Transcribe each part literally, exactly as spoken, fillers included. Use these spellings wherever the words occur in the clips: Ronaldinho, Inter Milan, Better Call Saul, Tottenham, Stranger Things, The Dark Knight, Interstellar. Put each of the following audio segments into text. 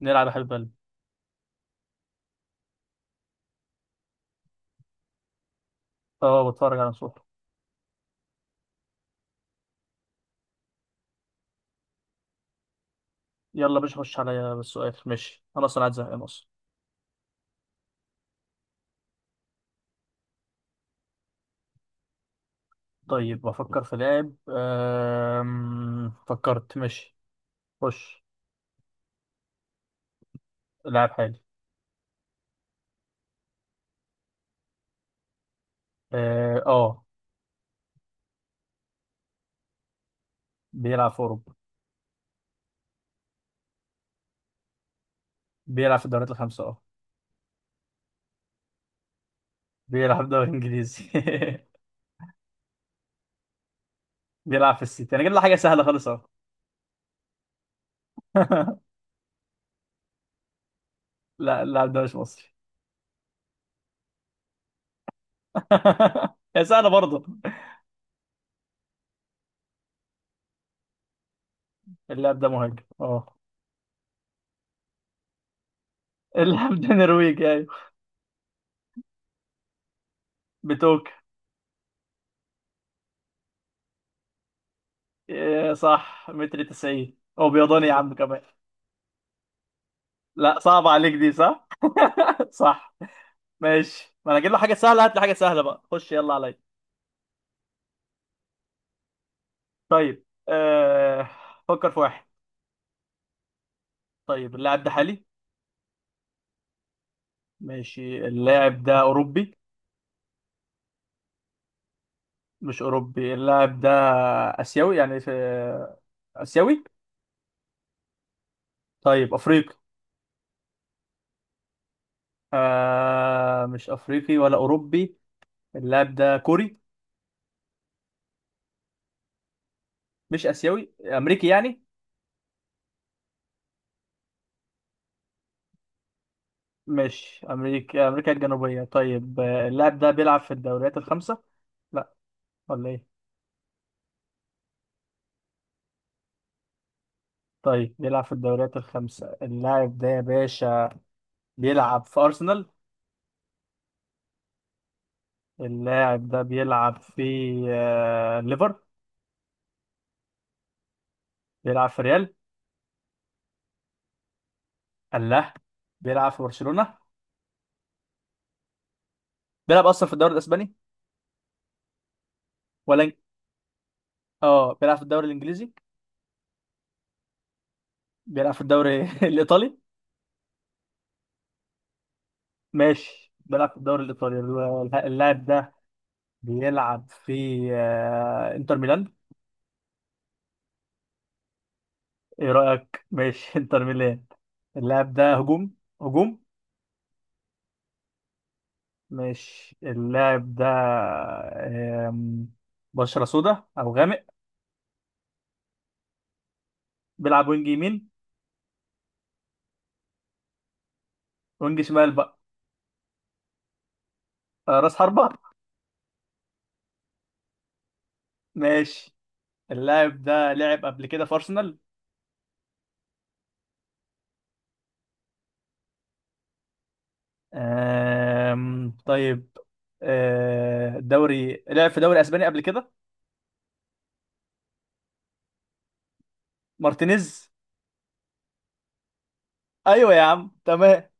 نلعب يا حبيب قلبي. اه، بتفرج على نصوحي. يلا باش، خش عليا بالسؤال، ماشي. انا اصلا قاعد زهقان اصلا. طيب، بفكر في لاعب. أم... فكرت. ماشي. خش. لاعب حالي، اه. آه. بيلعب في اوروبا. بيلعب في الدوريات الخمسة، اه. بيلعب دوري انجليزي. بيلعب في السيتي، انا جايب له حاجة سهلة خالص اهو. لا، اللاعب ده مش مصري. يا سهلة برضه. اللاعب ده مهاجم، اه. اللاعب ده نرويجي، ايوه. بتوك. إيه، صح. متر تسعين، هو بيضاني يا عم كمان. لا، صعب عليك دي. صح. صح. ماشي، ما انا اجيب له حاجه سهله، هات لي حاجه سهله بقى. خش يلا عليا. طيب. آه... فكر في واحد. طيب، اللاعب ده حالي. ماشي، اللاعب ده اوروبي. مش اوروبي اللاعب ده. اسيوي يعني. في اسيوي. طيب، افريقي. آه... مش افريقي ولا اوروبي. اللاعب ده كوري. مش اسيوي، امريكي يعني. مش امريكا، امريكا الجنوبيه. طيب، آه، اللاعب ده بيلعب في الدوريات الخمسه. لا. ولا ايه؟ طيب، بيلعب في الدوريات الخمسة اللاعب ده يا باشا. بيلعب في أرسنال. اللاعب ده بيلعب في آه، ليفر. بيلعب في ريال. الله. بيلعب في برشلونة. بيلعب أصلا في الدوري الأسباني. ولا إنج- اه بيلعب في الدوري الإنجليزي. بيلعب في الدوري الإيطالي. ماشي، بيلعب في الدوري الإيطالي. اللاعب ده بيلعب في آه، إنتر ميلان. إيه رأيك؟ ماشي إنتر ميلان. اللاعب ده هجوم. هجوم. مش اللاعب ده. آم، بشرة سودا أو غامق. بيلعب وينج يمين. وينج شمال بقى. آه، راس حربة. ماشي. اللاعب ده لعب قبل كده في أرسنال. آم، طيب. آه، دوري لعب في دوري أسباني قبل كده. مارتينيز. أيوة يا عم، تمام.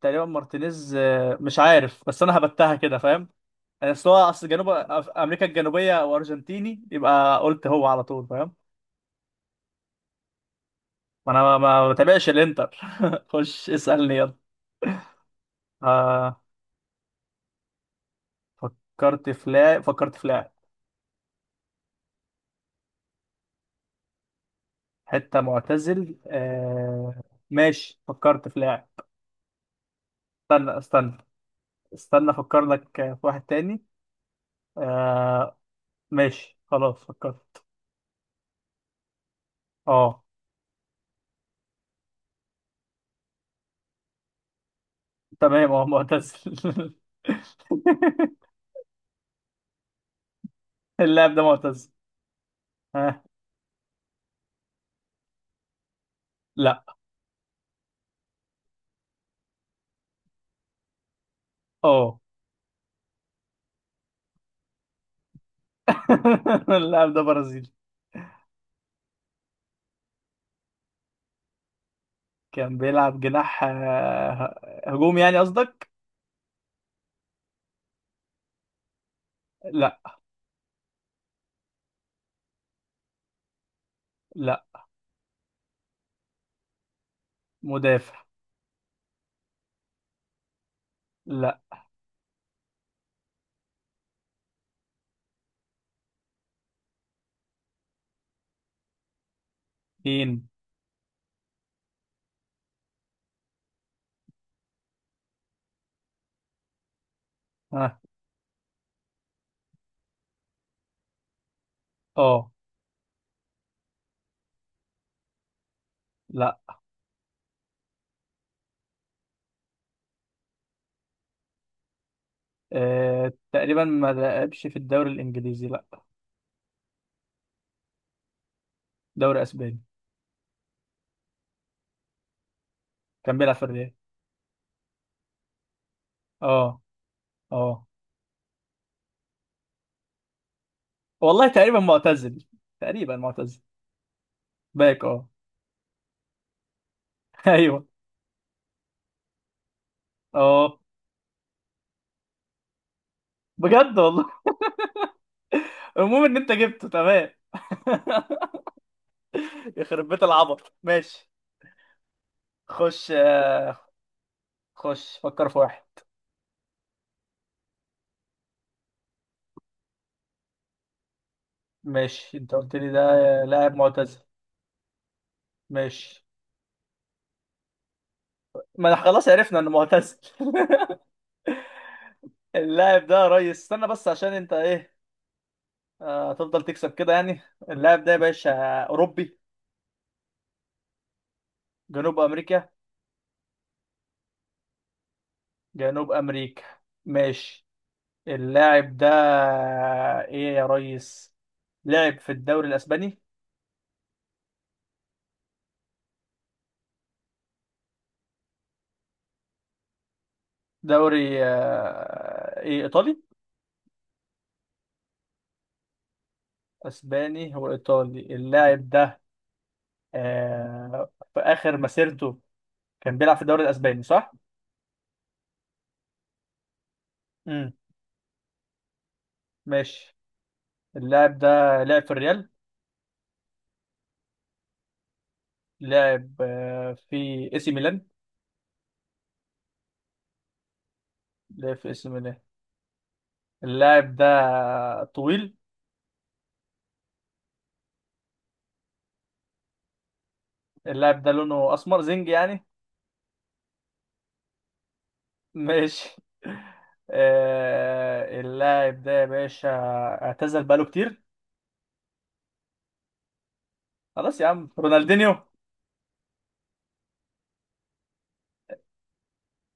تقريبا مارتينيز، آه، مش عارف بس أنا هبتها كده فاهم. يعني أصل هو أصل جنوب، آه، أمريكا الجنوبية وأرجنتيني، يبقى قلت هو على طول فاهم. ما انا ما ما بتابعش الانتر. خش اسألني يلا. آه، فكرت في لاعب. فكرت في لاعب حتة معتزل، آه. ماشي، فكرت في لاعب. استنى استنى. استنى افكر لك في واحد تاني. آه. ماشي خلاص فكرت. اه. تمام، اه، معتزل. اللاعب ده معتزل. ها. لا. اه. اللاعب ده برازيلي. كان بيلعب جناح، آه، هجوم يعني قصدك. لا. لا. مدافع. لا. مين؟ ها. اه. لا. آه. تقريبا ما لعبش في الدوري الانجليزي، لا. دوري اسباني. كان بيلعب في الريال. اه. اه. والله تقريبا معتزل. تقريبا معتزل. باك، اه. ايوه. اه. بجد والله. المهم ان انت جبته، تمام. يخرب بيت العبط، ماشي. خش آه، خش فكر في واحد. ماشي، انت قلت لي ده لاعب معتزل. ماشي. ما انا خلاص عرفنا انه معتزل. اللاعب ده يا ريس، استنى بس عشان انت ايه. آه، تفضل تكسب كده يعني. اللاعب ده يا باشا أوروبي. جنوب أمريكا. جنوب أمريكا. ماشي. اللاعب ده. إيه يا ريس. لعب في الدوري الأسباني. دوري آه، إيه إيطالي. أسباني. هو إيطالي اللاعب ده. آه، في آخر مسيرته كان بيلعب في الدوري الأسباني، صح؟ امم ماشي. اللاعب ده لعب في الريال. لعب آه، في إي سي ميلان. لعب في إي سي ميلان. اللاعب ده طويل. اللاعب ده لونه اسمر، زنج يعني. ماشي. آه اللاعب ده يا باشا اعتزل بقاله كتير. خلاص يا عم، رونالدينيو.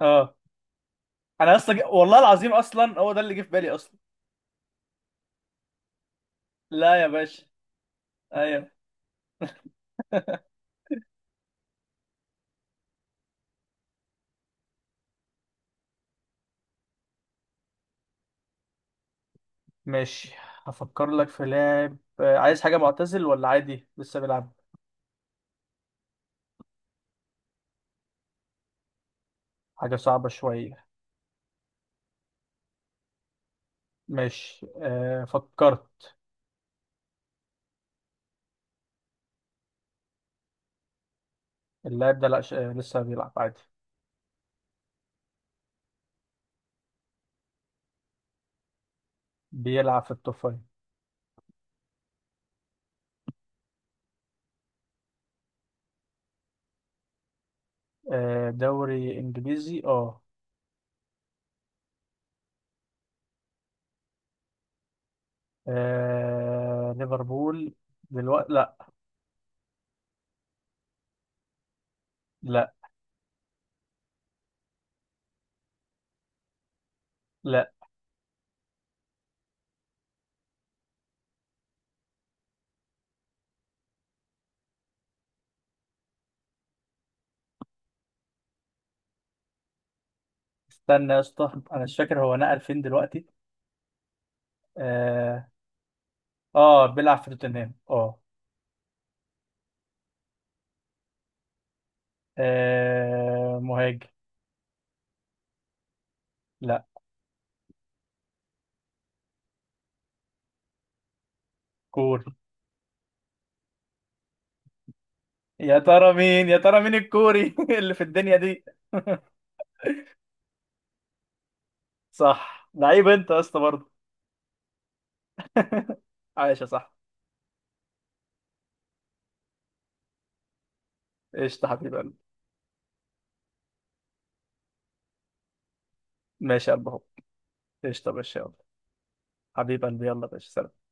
اه، انا اصلا جه- والله العظيم اصلا هو ده اللي جه في بالي اصلا. لا يا باشا. ايوه. ماشي، هفكر لك في لاعب. آه، عايز حاجة معتزل ولا عادي لسه بيلعب؟ حاجة صعبة شوية. ماشي، آه فكرت. اللاعب ده لا. ش... آه، لسه بيلعب عادي. بيلعب في التوب فايف، آه. دوري انجليزي، اه. آه... ليفربول دلوقتي، لا. لا. لا، استنى يا اسطى، انا مش فاكر هو نقل فين دلوقتي. اه, آه بيلعب في توتنهام، اه. آه، مهاجم. لا. كوري. يا ترى مين؟ يا ترى مين الكوري اللي في الدنيا دي؟ صح. لعيب انت يا اسطى برضه. عايش يا صاحبي. قشطة حبيب قلبي. ماشي يا قلب، اهو. قشطة يا باشا، يلا. حبيب قلبي، يلا يا باشا، سلام.